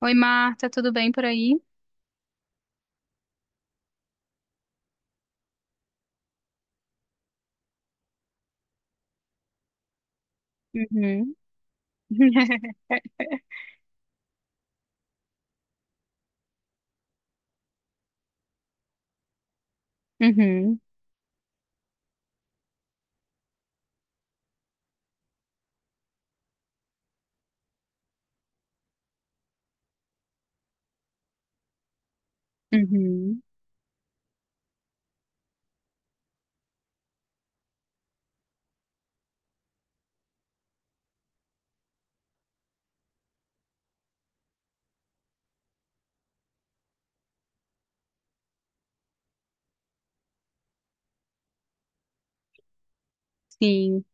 Oi, Marta, tudo bem por aí? Uhum. Uhum. Uhum. Sim,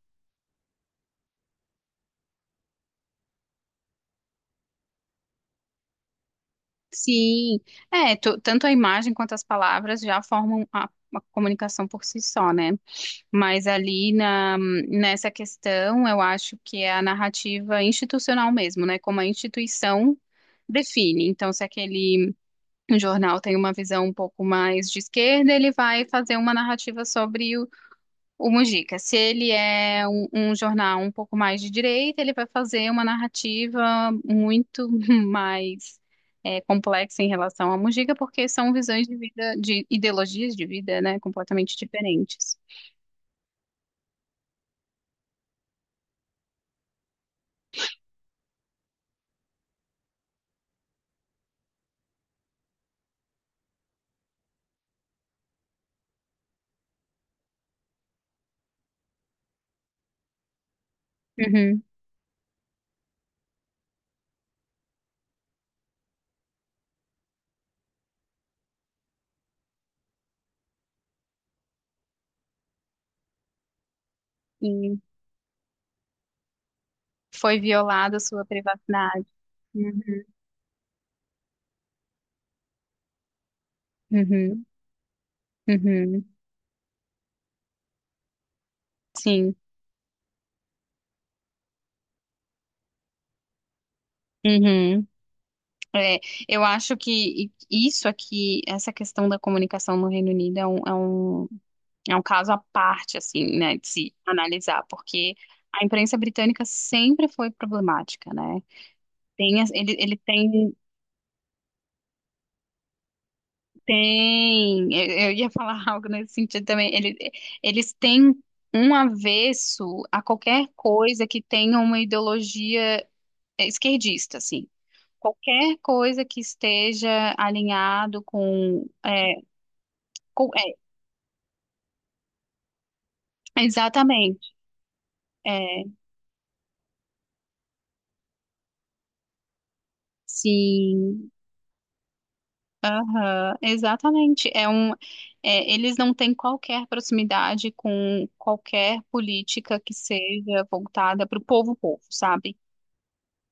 sim. É, tanto a imagem quanto as palavras já formam a comunicação por si só, né? Mas ali nessa questão, eu acho que é a narrativa institucional mesmo, né? Como a instituição define. Então, se aquele jornal tem uma visão um pouco mais de esquerda, ele vai fazer uma narrativa sobre o Mujica. Se ele é um jornal um pouco mais de direita, ele vai fazer uma narrativa muito mais complexa em relação ao Mujica, porque são visões de vida, de ideologias de vida, né, completamente diferentes. Uhum. E foi violada a sua privacidade. Uhum. Uhum. Uhum. Sim. Uhum. É, eu acho que isso aqui, essa questão da comunicação no Reino Unido é um é um caso à parte, assim, né, de se analisar, porque a imprensa britânica sempre foi problemática, né? Tem, tem, eu ia falar algo nesse sentido também, ele, eles têm um avesso a qualquer coisa que tenha uma ideologia esquerdista, assim. Qualquer coisa que esteja alinhado com, é, exatamente, é, sim. Aham, exatamente. Eles não têm qualquer proximidade com qualquer política que seja voltada para o povo, povo, sabe?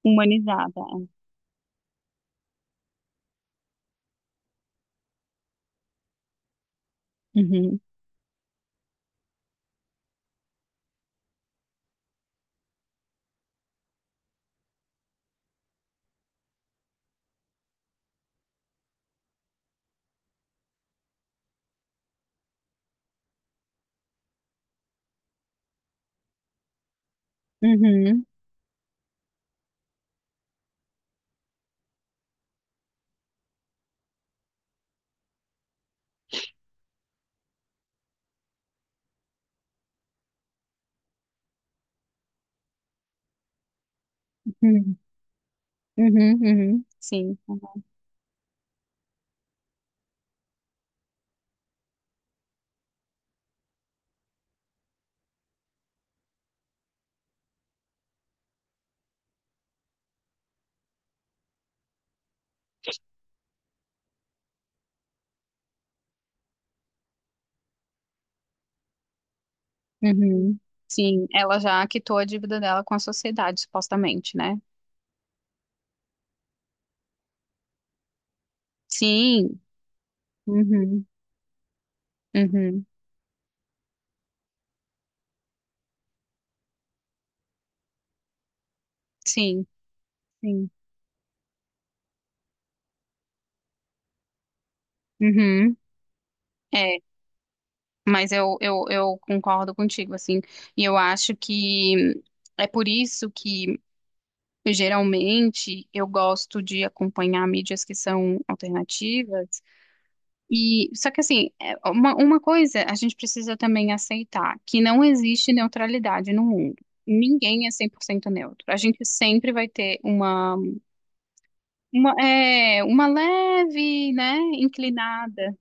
Humanizada. Uhum, uhum, uhum, uhum, uhum, sim, uhum, sim. Ela já quitou a dívida dela com a sociedade, supostamente, né? Sim, uhum, uhum, sim, sim, uhum. É. Mas eu concordo contigo, assim, e eu acho que é por isso que geralmente eu gosto de acompanhar mídias que são alternativas. E só que assim, é uma coisa a gente precisa também aceitar, que não existe neutralidade no mundo. Ninguém é 100% neutro. A gente sempre vai ter uma leve, né, inclinada.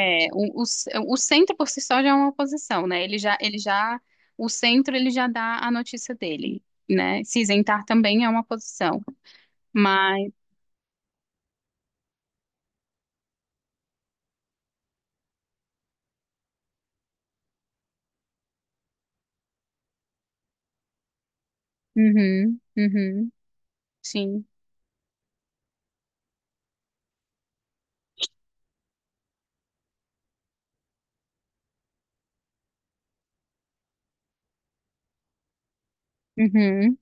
É, o centro por si só já é uma oposição, né? Ele já, o centro, ele já dá a notícia dele, né? Se isentar também é uma posição, mas, uhum, uhum, sim, uhum,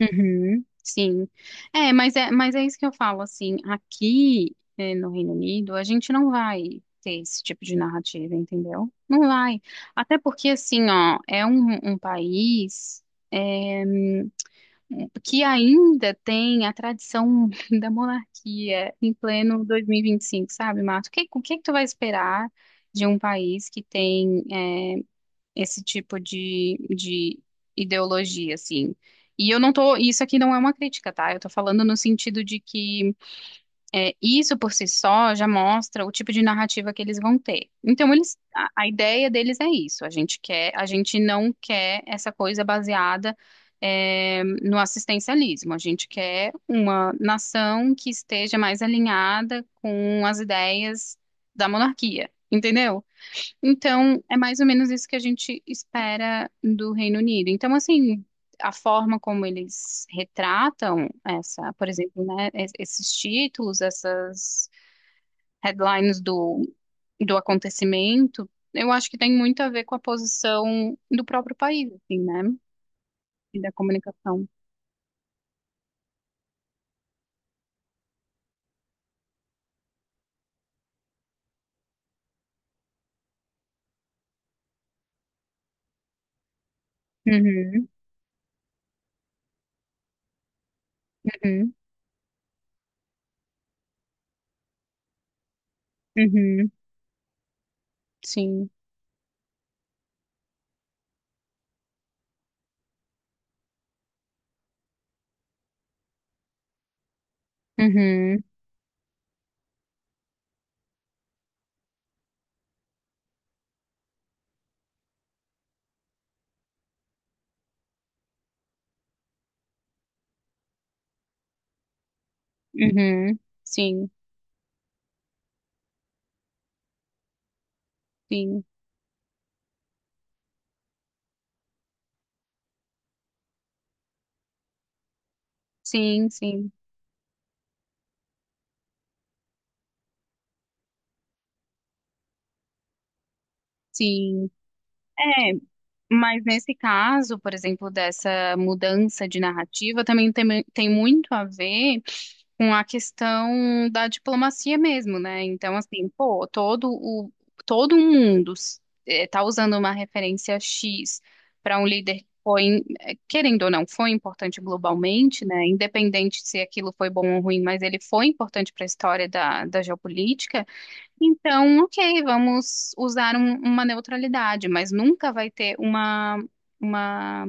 uhum, sim. É, mas é isso que eu falo, assim, aqui é, no Reino Unido a gente não vai ter esse tipo de narrativa, entendeu? Não vai. Até porque, assim, ó, é um país é, que ainda tem a tradição da monarquia em pleno 2025, sabe, Marcos? O que que tu vai esperar de um país que tem esse tipo de ideologia, assim? E eu não tô, isso aqui não é uma crítica, tá? Eu tô falando no sentido de que isso por si só já mostra o tipo de narrativa que eles vão ter. Então, eles, a ideia deles é isso. A gente quer, a gente não quer essa coisa baseada, no assistencialismo. A gente quer uma nação que esteja mais alinhada com as ideias da monarquia. Entendeu? Então, é mais ou menos isso que a gente espera do Reino Unido. Então, assim, a forma como eles retratam essa, por exemplo, né, esses títulos, essas headlines do acontecimento, eu acho que tem muito a ver com a posição do próprio país, assim, né? E da comunicação. Uhum, uhum, uhum, sim. Uhum, uhum, sim, sim, sim, sim, sim. É, mas nesse caso, por exemplo, dessa mudança de narrativa, também tem muito a ver com a questão da diplomacia mesmo, né? Então, assim, pô, todo o todo um mundo está usando uma referência X para um líder que foi, querendo ou não, foi importante globalmente, né? Independente se aquilo foi bom ou ruim, mas ele foi importante para a história da geopolítica. Então, ok, vamos usar uma neutralidade, mas nunca vai ter uma,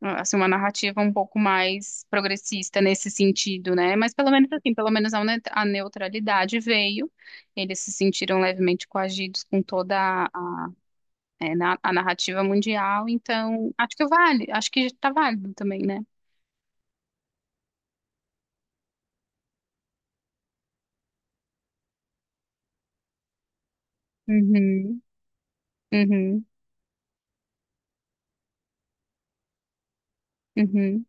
uma narrativa um pouco mais progressista nesse sentido, né? Mas pelo menos assim, pelo menos a neutralidade veio, eles se sentiram levemente coagidos com toda a narrativa mundial, então acho que vale, acho que está válido também, né? Uhum, uhum, uhum,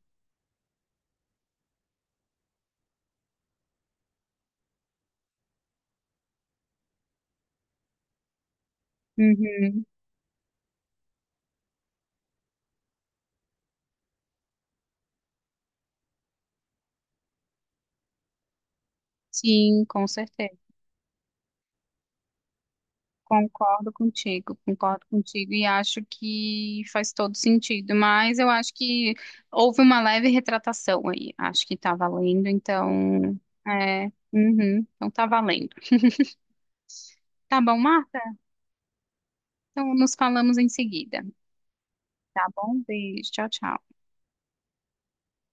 uhum. Sim, com certeza. Concordo contigo e acho que faz todo sentido, mas eu acho que houve uma leve retratação aí, acho que tá valendo, então, é, uhum, então tá valendo. Tá bom, Marta? Então nos falamos em seguida, tá bom? Beijo, tchau, tchau.